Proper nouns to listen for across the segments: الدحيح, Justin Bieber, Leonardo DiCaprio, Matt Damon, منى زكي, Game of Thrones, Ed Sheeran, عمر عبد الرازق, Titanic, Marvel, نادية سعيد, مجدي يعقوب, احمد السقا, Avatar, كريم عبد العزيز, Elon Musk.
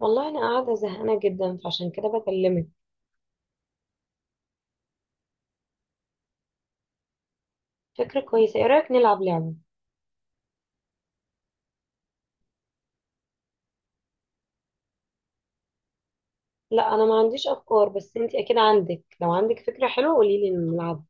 والله انا قاعده زهقانه جدا، فعشان كده بكلمك. فكره كويسه، ايه رايك نلعب لعبه؟ لا، انا ما عنديش افكار، بس انت اكيد عندك. لو عندك فكره حلوه قولي لي نلعب.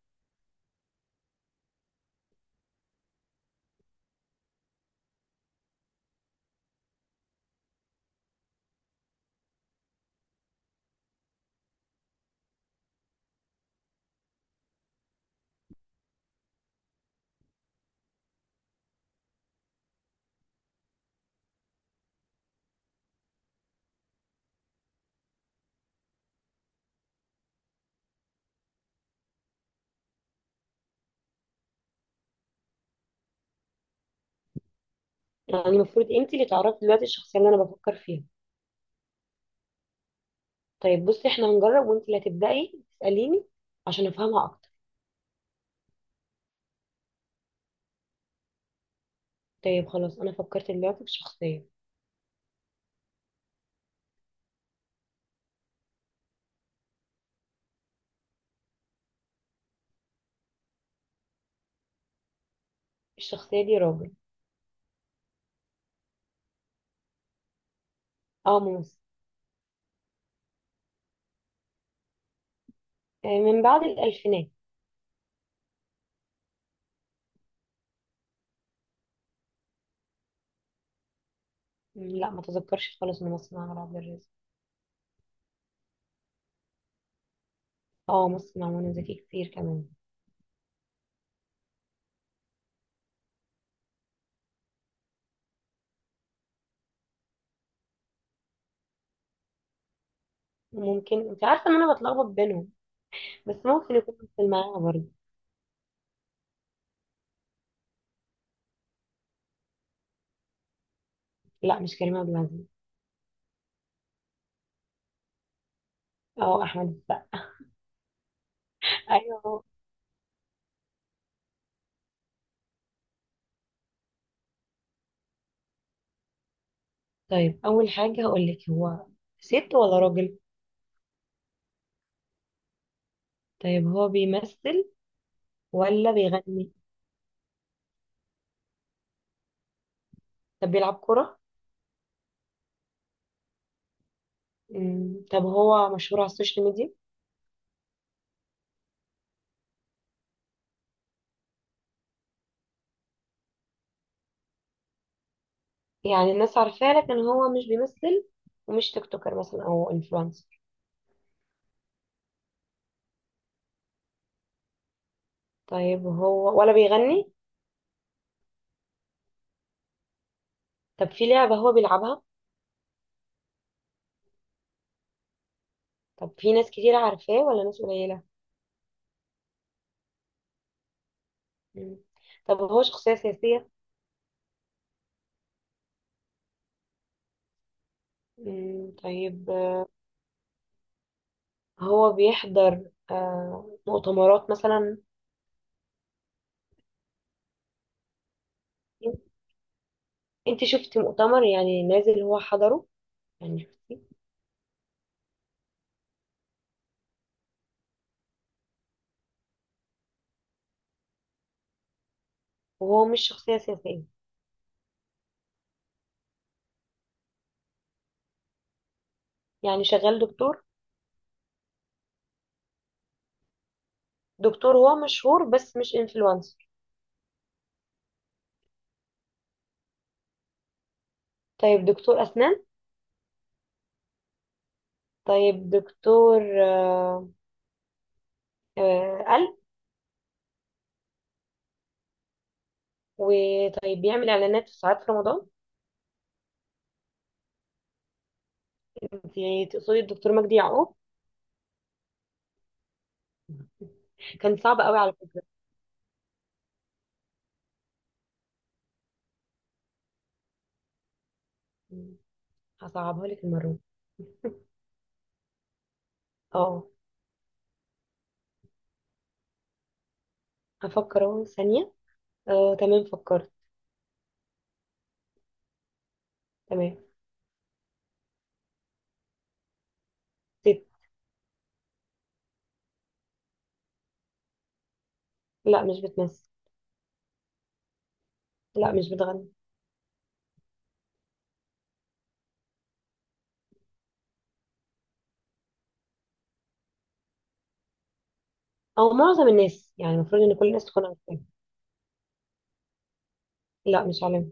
يعني المفروض انت اللي تعرفي دلوقتي الشخصيه اللي انا بفكر فيها. طيب بصي، احنا هنجرب وانت اللي هتبداي تساليني عشان افهمها اكتر. طيب خلاص، انا فكرت دلوقتي في شخصيه. الشخصيه دي راجل. اه، ممثل. من بعد الالفينات. مم، لا ما تذكرش خالص، ممثل مع عمر عبد الرازق. اه، ممثل مع منى زكي كتير كمان. ممكن انت عارفه ان انا بتلخبط بينهم، بس ممكن يكون ممثل معاها برضه. لا، مش كريم عبد العزيز. اه، احمد السقا. ايوه. طيب، اول حاجه هقول لك، هو ست ولا راجل؟ طيب هو بيمثل ولا بيغني؟ طب بيلعب كره؟ طب هو مشهور على السوشيال ميديا؟ يعني الناس عارفاه لكن هو مش بيمثل، ومش تيك توكر مثلا او انفلونسر. طيب هو ولا بيغني؟ طب في لعبه هو بيلعبها؟ طب في ناس كتير عارفاه ولا ناس قليله؟ مم. طب هو شخصيه سياسيه؟ مم، طيب. هو بيحضر مؤتمرات مثلا؟ انت شفتي مؤتمر يعني نازل هو حضره؟ يعني شفتي؟ وهو مش شخصية سياسية؟ يعني شغال دكتور؟ دكتور هو مشهور بس مش انفلونسر. طيب، دكتور أسنان؟ طيب، دكتور قلب؟ وطيب بيعمل إعلانات في ساعات في رمضان؟ انت تقصدي الدكتور مجدي يعقوب؟ كان صعب قوي على فكرة. هصعبها لك المرة دي. اه. هفكر اهو ثانية. اه، تمام، فكرت. تمام. لا، مش بتمثل. لا، مش بتغني. او معظم الناس، يعني المفروض ان كل الناس تكون عارفاها. لا، مش عالمة.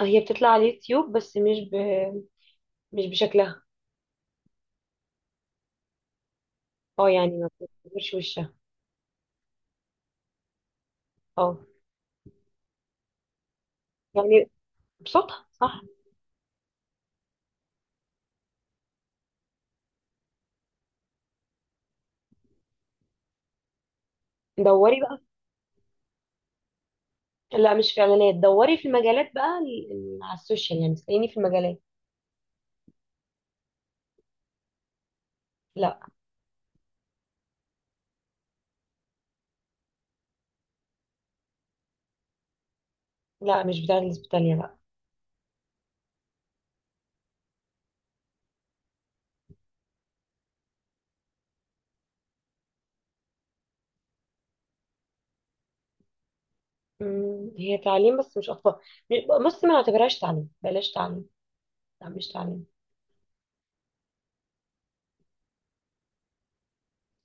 هي بتطلع على اليوتيوب بس مش بشكلها. اه، يعني ما بتظهرش وشها. اه. يعني، بصوتها صح. دوري بقى. لا، مش في اعلانات، دوري في المجالات بقى على السوشيال، يعني اسأليني في المجالات. لا. لا، مش بتاع الاسبيتاليا، لا. هي تعليم بس مش اطفال. بصي، ما نعتبرهاش تعليم، بلاش تعليم. لا، مش تعليم.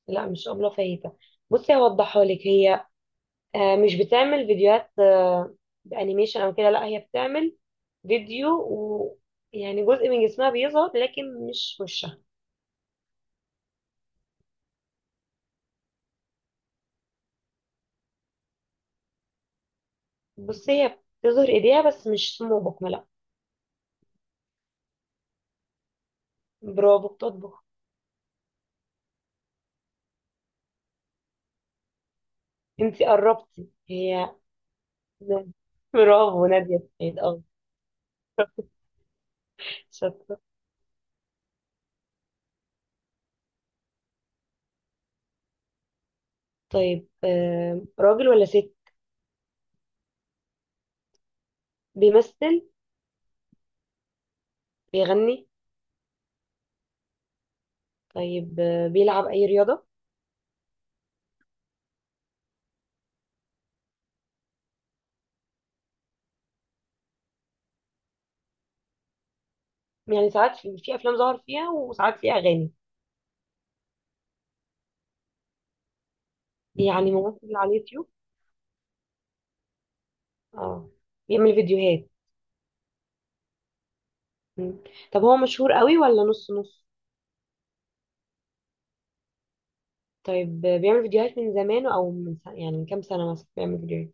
لا، مش ابله فايته. بصي، هوضحها لك. هي مش بتعمل فيديوهات بانيميشن او كده، لا هي بتعمل فيديو و... يعني جزء من جسمها بيظهر لكن مش وشها. بصي، هي بتظهر ايديها بس، مش سمو بكمة، لا. برافو، بتطبخ. انتي قربتي، هي. برافو، نادية سعيد، اه. شاطرة. طيب، راجل ولا ست؟ بيمثل؟ بيغني؟ طيب، بيلعب اي رياضة؟ يعني ساعات في افلام ظهر فيها، وساعات في اغاني؟ يعني ممثل على اليوتيوب؟ اه. بيعمل فيديوهات؟ مم. طب هو مشهور قوي ولا نص نص؟ طيب، بيعمل فيديوهات من زمان او من سنة، يعني من كام سنة مثلا بيعمل فيديوهات؟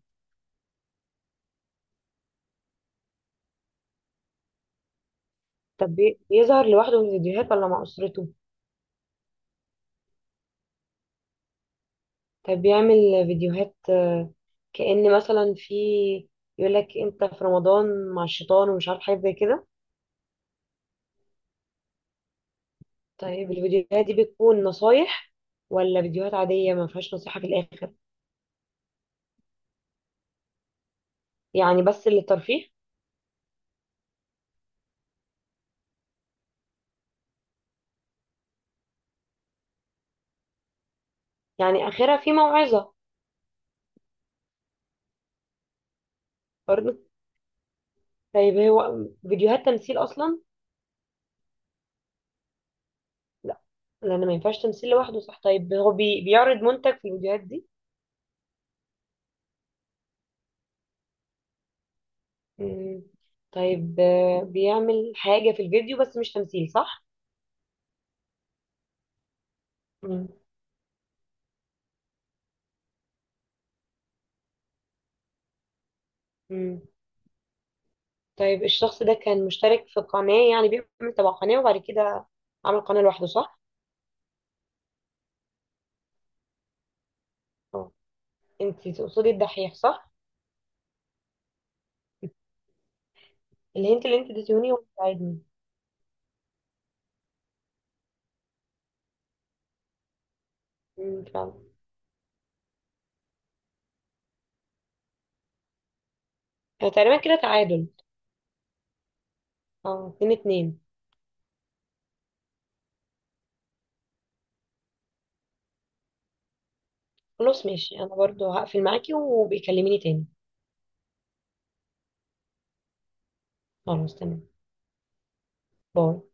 طب بيظهر لوحده في الفيديوهات ولا مع أسرته؟ طب بيعمل فيديوهات كأن مثلا في، يقول لك انت في رمضان مع الشيطان ومش عارف حاجة زي كده؟ طيب، الفيديوهات دي بتكون نصايح ولا فيديوهات عادية ما فيهاش نصيحة في الآخر؟ يعني بس للترفيه؟ يعني آخرها في موعظة؟ برضه؟ طيب هو فيديوهات تمثيل أصلا؟ لا. لان ما ينفعش تمثيل لوحده، صح. طيب، هو بيعرض منتج في الفيديوهات دي؟ مم. طيب، بيعمل حاجة في الفيديو بس مش تمثيل، صح؟ مم. مم. طيب، الشخص ده كان مشترك في قناة، يعني بيعمل تبع قناة، وبعد كده عمل قناة لوحده، صح؟ اه. انت تقصدي الدحيح، صح؟ الهنت اللي انت اديتيهوني هو ساعدني. مم، فعلا. تقريبا كده تعادل. اه، 2-2. خلاص ماشي، انا برضو هقفل معاكي وبيكلميني تاني. خلاص، تمام. باي.